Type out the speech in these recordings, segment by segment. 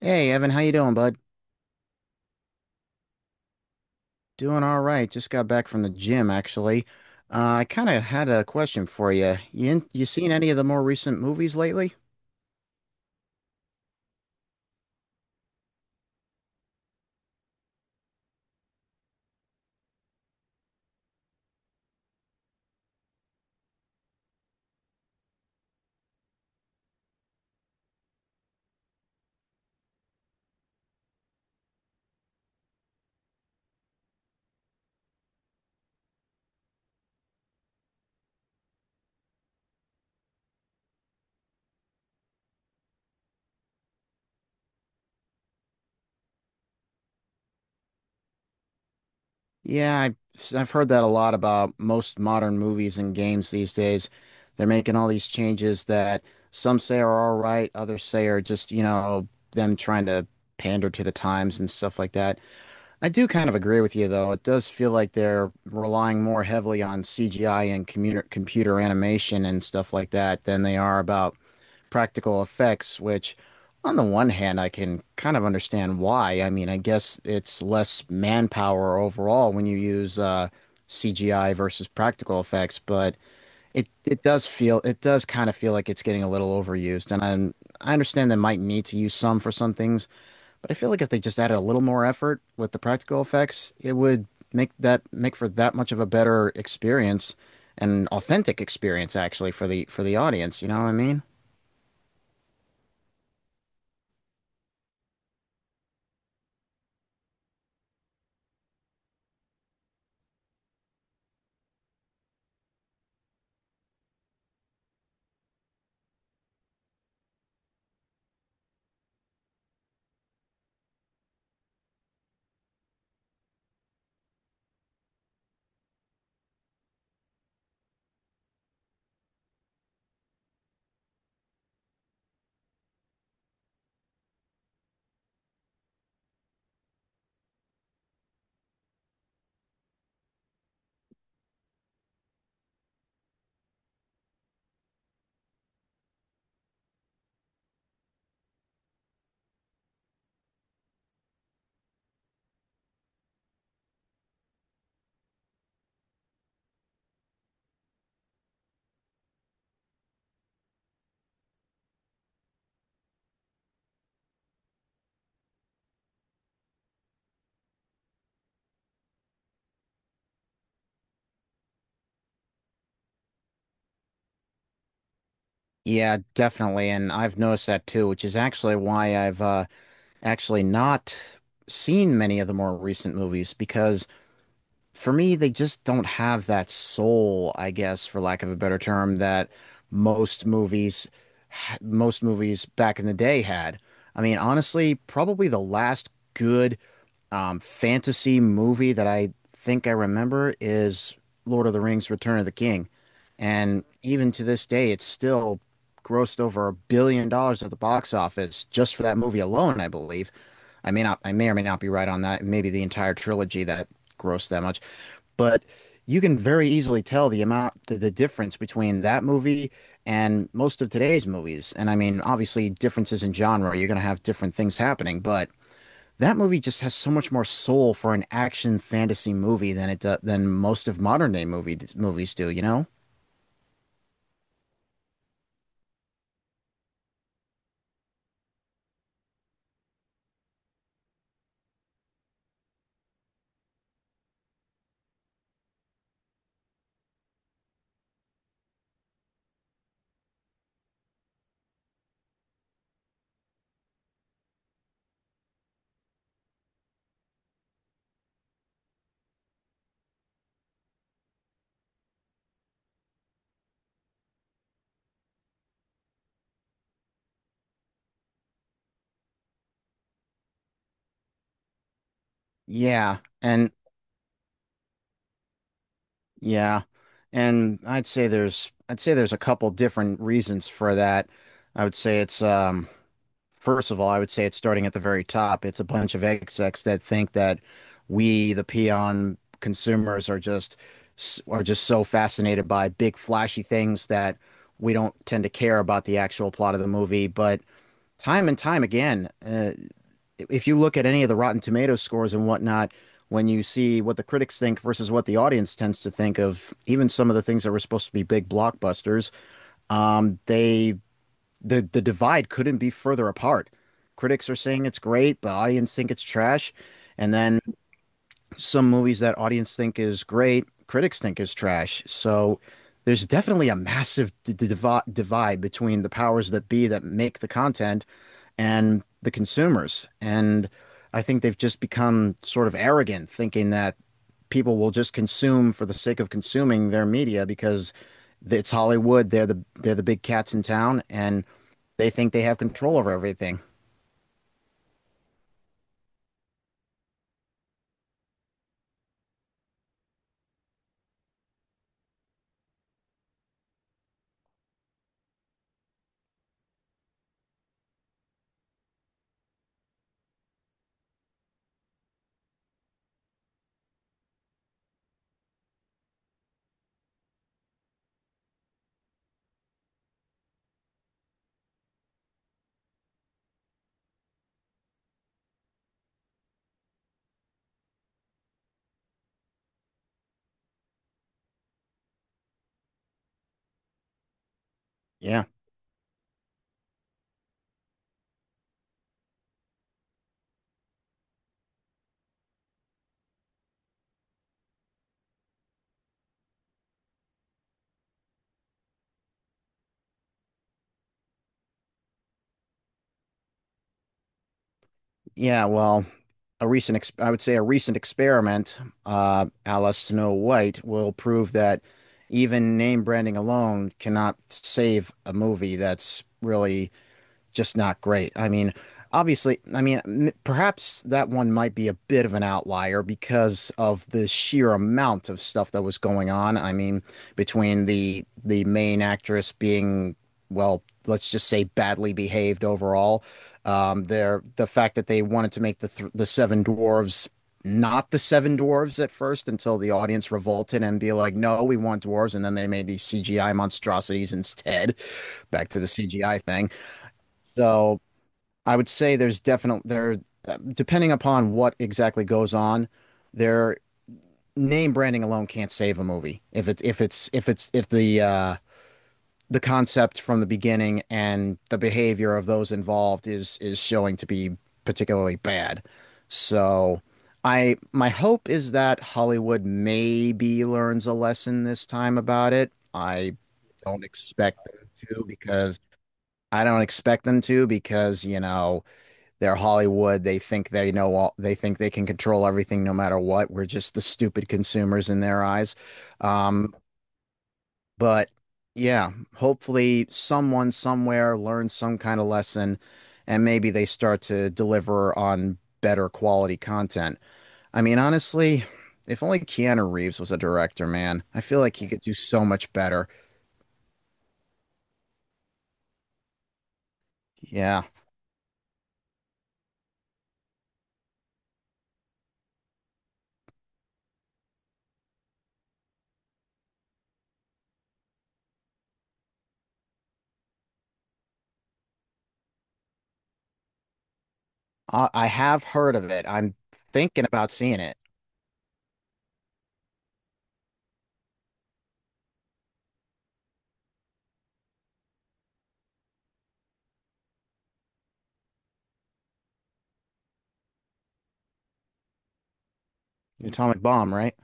Hey Evan, how you doing, bud? Doing all right. Just got back from the gym, actually. I kind of had a question for you. You seen any of the more recent movies lately? Yeah, I've heard that a lot about most modern movies and games these days. They're making all these changes that some say are all right, others say are just, you know, them trying to pander to the times and stuff like that. I do kind of agree with you, though. It does feel like they're relying more heavily on CGI and commuter computer animation and stuff like that than they are about practical effects, which, on the one hand, I can kind of understand why. I mean, I guess it's less manpower overall when you use CGI versus practical effects, but it does feel it does kind of feel like it's getting a little overused, and I understand they might need to use some for some things. But I feel like if they just added a little more effort with the practical effects, it would make for that much of a better experience, an authentic experience actually for the audience. You know what I mean? Yeah, definitely. And I've noticed that too, which is actually why I've actually not seen many of the more recent movies because for me, they just don't have that soul, I guess, for lack of a better term, that most movies, most movies back in the day had. I mean, honestly, probably the last good fantasy movie that I think I remember is Lord of the Rings: Return of the King, and even to this day, it's still grossed over $1 billion at the box office just for that movie alone, I believe. I may or may not be right on that. Maybe the entire trilogy that grossed that much, but you can very easily tell the difference between that movie and most of today's movies. And I mean, obviously, differences in genre, you're going to have different things happening, but that movie just has so much more soul for an action fantasy movie than than most of modern day movies do, you know? Yeah, and yeah, and I'd say there's a couple different reasons for that. I would say it's First of all, I would say it's starting at the very top. It's a bunch of execs that think that we, the peon consumers, are just so fascinated by big flashy things that we don't tend to care about the actual plot of the movie. But time and time again, if you look at any of the Rotten Tomatoes scores and whatnot, when you see what the critics think versus what the audience tends to think of, even some of the things that were supposed to be big blockbusters, um, they the divide couldn't be further apart. Critics are saying it's great, but audience think it's trash. And then some movies that audience think is great, critics think is trash. So there's definitely a massive divide between the powers that be that make the content and the consumers. And I think they've just become sort of arrogant, thinking that people will just consume for the sake of consuming their media because it's Hollywood. They're the big cats in town, and they think they have control over everything. Yeah. Yeah, well. A recent, ex I would say a recent experiment, a la Snow White, will prove that even name branding alone cannot save a movie that's really just not great. I mean, obviously, perhaps that one might be a bit of an outlier because of the sheer amount of stuff that was going on. I mean, between the main actress being, well, let's just say badly behaved overall, the fact that they wanted to make the Seven Dwarves not the Seven Dwarves at first until the audience revolted and be like, no, we want dwarves, and then they made these CGI monstrosities instead. Back to the CGI thing. So I would say there's definitely depending upon what exactly goes on, their name branding alone can't save a movie. If the the concept from the beginning and the behavior of those involved is showing to be particularly bad. So I my hope is that Hollywood maybe learns a lesson this time about it. Don't expect them to because I don't expect them to because, you know they're Hollywood. They think they know all. They think they can control everything, no matter what. We're just the stupid consumers in their eyes. Um, but yeah, hopefully someone somewhere learns some kind of lesson, and maybe they start to deliver on better quality content. I mean, honestly, if only Keanu Reeves was a director, man, I feel like he could do so much better. Yeah, I have heard of it. I'm thinking about seeing it. Atomic Bomb, right?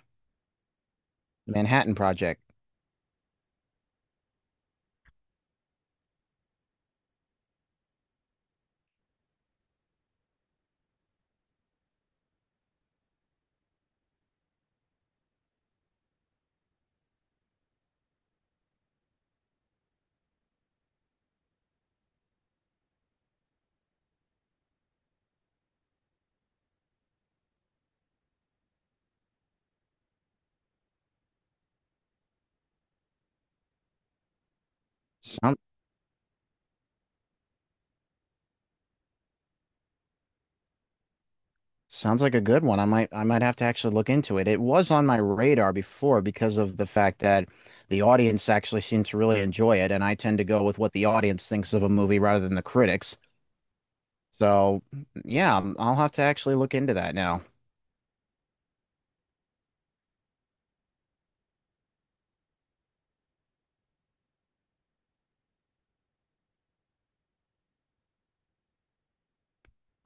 Manhattan Project. Sound Sounds like a good one. I might have to actually look into it. It was on my radar before because of the fact that the audience actually seemed to really enjoy it, and I tend to go with what the audience thinks of a movie rather than the critics. So, yeah, I'll have to actually look into that now.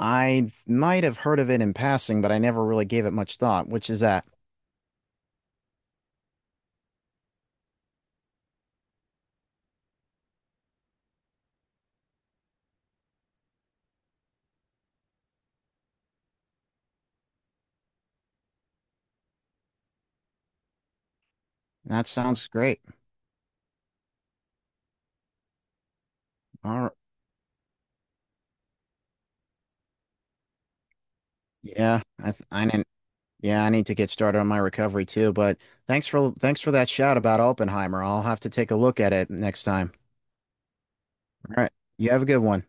I might have heard of it in passing, but I never really gave it much thought, which is that. That sounds great. All right. Yeah, I th I did yeah, I need to get started on my recovery too, but thanks for that shout about Oppenheimer. I'll have to take a look at it next time. All right. You have a good one.